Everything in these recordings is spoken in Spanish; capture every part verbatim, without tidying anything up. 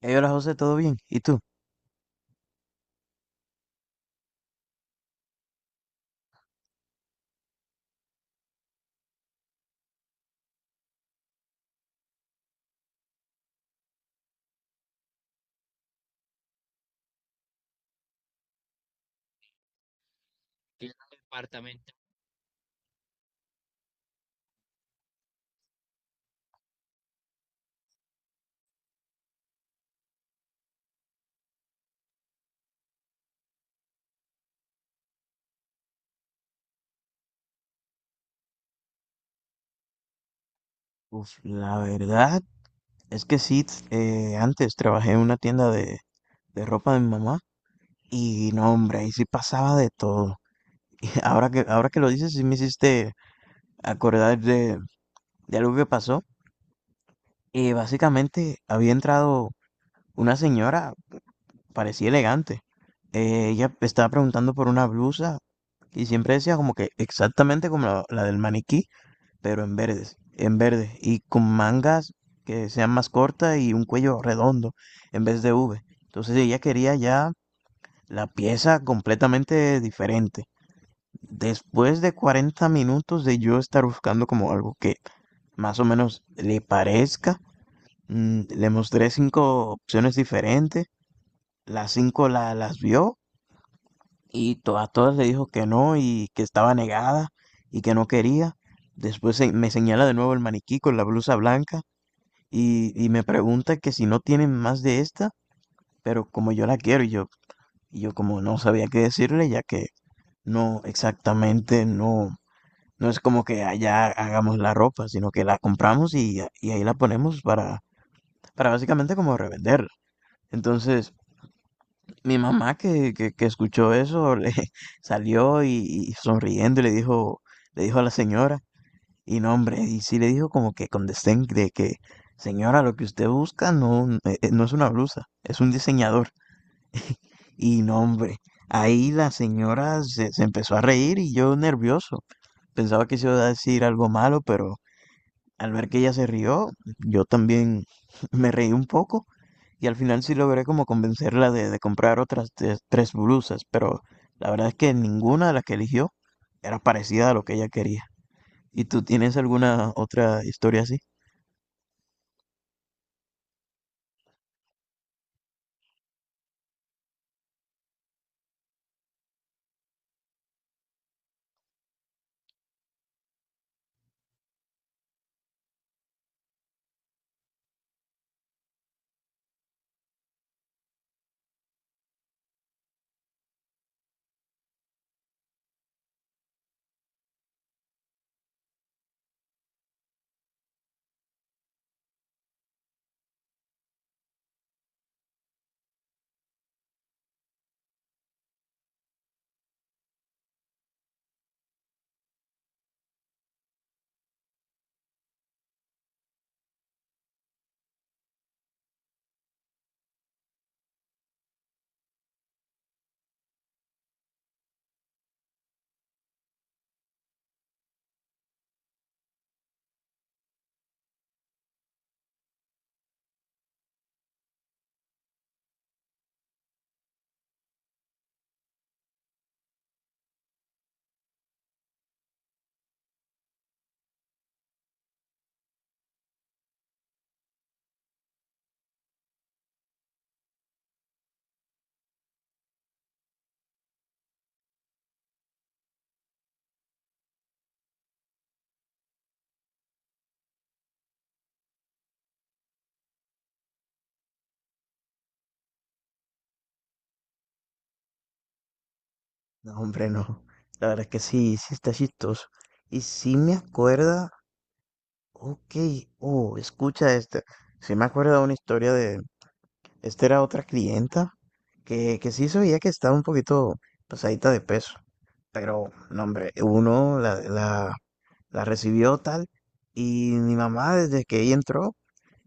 Hey, hola José, ¿todo bien? ¿Y tú? Uf, la verdad es que sí, eh, antes trabajé en una tienda de, de ropa de mi mamá y no, hombre, ahí sí pasaba de todo. Y ahora que, ahora que lo dices, sí me hiciste acordar de, de algo que pasó. Eh, básicamente había entrado una señora, parecía elegante. Eh, ella estaba preguntando por una blusa y siempre decía como que exactamente como la la del maniquí. Pero en verdes, en verde, y con mangas que sean más cortas y un cuello redondo en vez de V. Entonces ella quería ya la pieza completamente diferente. Después de cuarenta minutos de yo estar buscando como algo que más o menos le parezca, mm, le mostré cinco opciones diferentes, las cinco la- las vio y to- a todas le dijo que no y que estaba negada y que no quería. Después se- me señala de nuevo el maniquí con la blusa blanca y, y me pregunta que si no tienen más de esta, pero como yo la quiero y yo, y yo como no sabía qué decirle, ya que no exactamente, no, no es como que allá hagamos la ropa, sino que la compramos y, y ahí la ponemos para, para básicamente como revenderla. Entonces, mi mamá que, que, que escuchó eso, le salió y, y sonriendo y le dijo, le dijo a la señora, y no, hombre, y sí le dijo como que con desdén de que, señora, lo que usted busca no, eh, eh, no es una blusa, es un diseñador. Y no, hombre, ahí la señora se, se empezó a reír y yo nervioso. Pensaba que se iba a decir algo malo, pero al ver que ella se rió, yo también me reí un poco y al final sí logré como convencerla de, de comprar otras tres, tres blusas, pero la verdad es que ninguna de las que eligió era parecida a lo que ella quería. ¿Y tú tienes alguna otra historia así? No, hombre, no. La verdad es que sí, sí está chistoso. Y sí me acuerda, ok, oh, escucha este. Sí me acuerda de una historia de, esta era otra clienta que, que sí se veía que estaba un poquito pasadita de peso, pero no, hombre, uno la, la, la recibió tal y mi mamá desde que ella entró,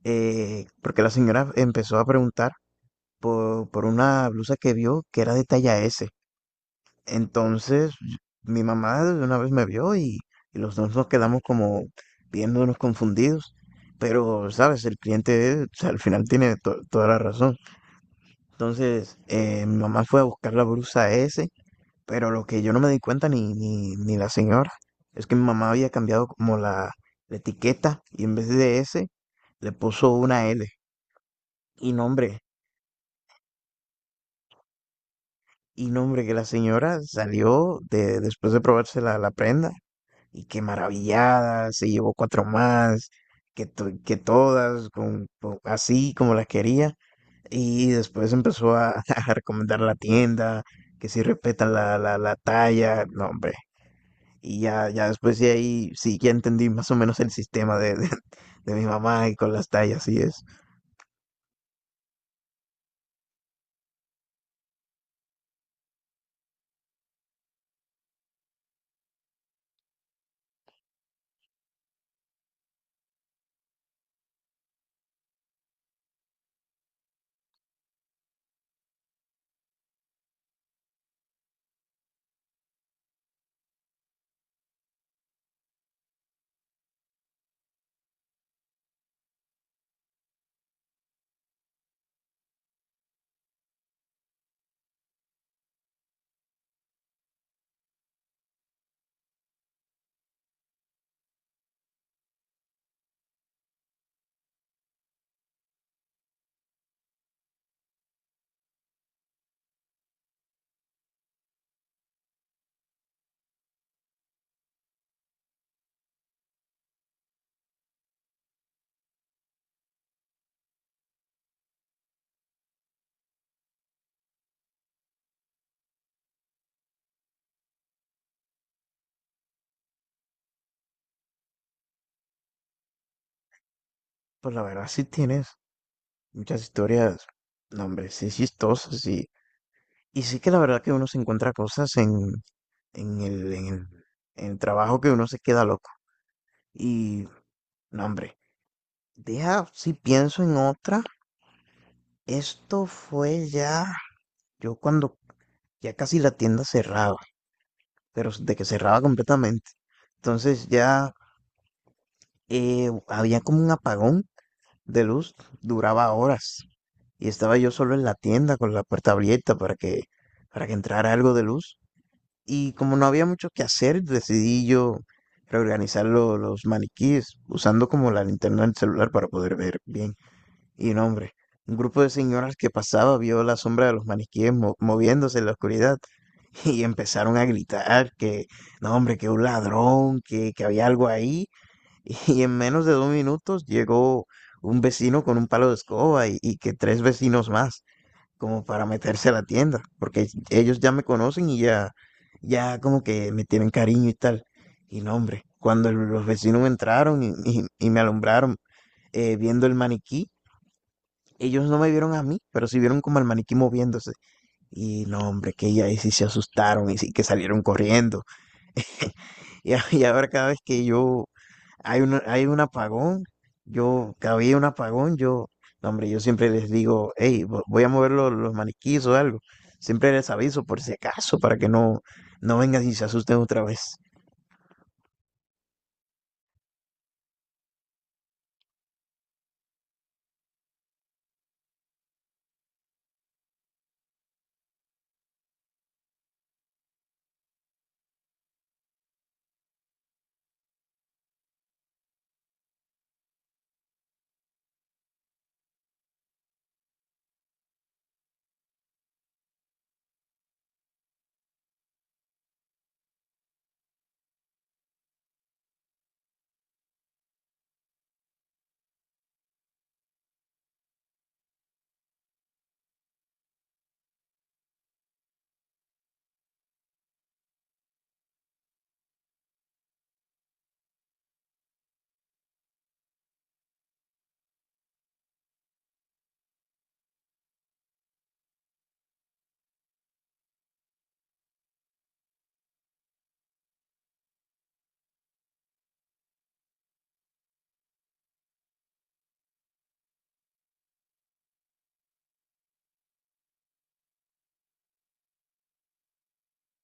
eh, porque la señora empezó a preguntar por, por una blusa que vio que era de talla S. Entonces mi mamá de una vez me vio y, y los dos nos quedamos como viéndonos confundidos, pero sabes, el cliente o sea, al final tiene to- toda la razón. Entonces, eh, mi mamá fue a buscar la blusa S, pero lo que yo no me di cuenta ni, ni, ni la señora es que mi mamá había cambiado como la, la etiqueta y en vez de S le puso una L. Y nombre, y nombre que la señora salió de, después de probarse la, la prenda y que maravillada, se llevó cuatro más, que, to- que todas, con, con- así como las quería. Y después empezó a, a recomendar la tienda, que si respeta la, la, la talla, no, hombre. Y ya, ya después de ahí, sí, ya entendí más o menos el sistema de, de, de mi mamá y con las tallas, y es. Pues la verdad, sí tienes muchas historias, no, hombre, sí chistosas, y, y sí que la verdad que uno se encuentra cosas en, en el, en el, en el trabajo que uno se queda loco. Y, no, hombre, deja, si pienso en otra, esto fue ya, yo cuando ya casi la tienda cerraba, pero de que cerraba completamente. Entonces ya eh, había como un apagón de luz, duraba horas. Y estaba yo solo en la tienda con la puerta abierta para que, para que entrara algo de luz. Y como no había mucho que hacer, decidí yo reorganizar lo- los maniquíes usando como la linterna del celular para poder ver bien. Y no, hombre, un grupo de señoras que pasaba vio la sombra de los maniquíes mo- moviéndose en la oscuridad y empezaron a gritar que, no, hombre, que un ladrón, que, que había algo ahí. Y en menos de dos minutos llegó un vecino con un palo de escoba y, y que tres vecinos más como para meterse a la tienda, porque ellos ya me conocen y ya, ya como que me tienen cariño y tal. Y no, hombre, cuando el- los vecinos entraron y, y- y me alumbraron eh, viendo el maniquí, ellos no me vieron a mí, pero sí vieron como el maniquí moviéndose. Y no, hombre, que ya ahí sí se asustaron y sí que salieron corriendo. Y, a- y ahora cada vez que yo hay un, hay un, apagón, yo, cada vez hay un apagón, yo, no, hombre, yo siempre les digo, hey, voy a mover los, los maniquíes o algo. Siempre les aviso por si acaso, para que no, no vengan y se asusten otra vez.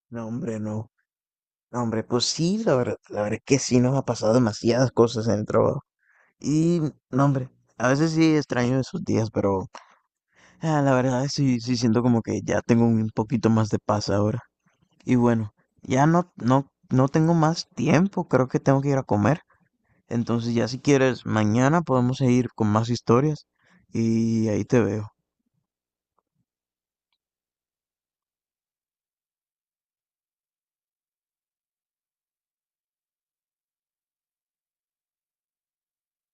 No, hombre, no. No, hombre, pues sí, la verdad, la verdad es que sí nos ha pasado demasiadas cosas en el trabajo. Y, no, hombre, a veces sí extraño esos días, pero ah, la verdad sí, sí siento como que ya tengo un poquito más de paz ahora. Y bueno, ya no, no, no tengo más tiempo, creo que tengo que ir a comer. Entonces ya si quieres, mañana podemos seguir con más historias y ahí te veo.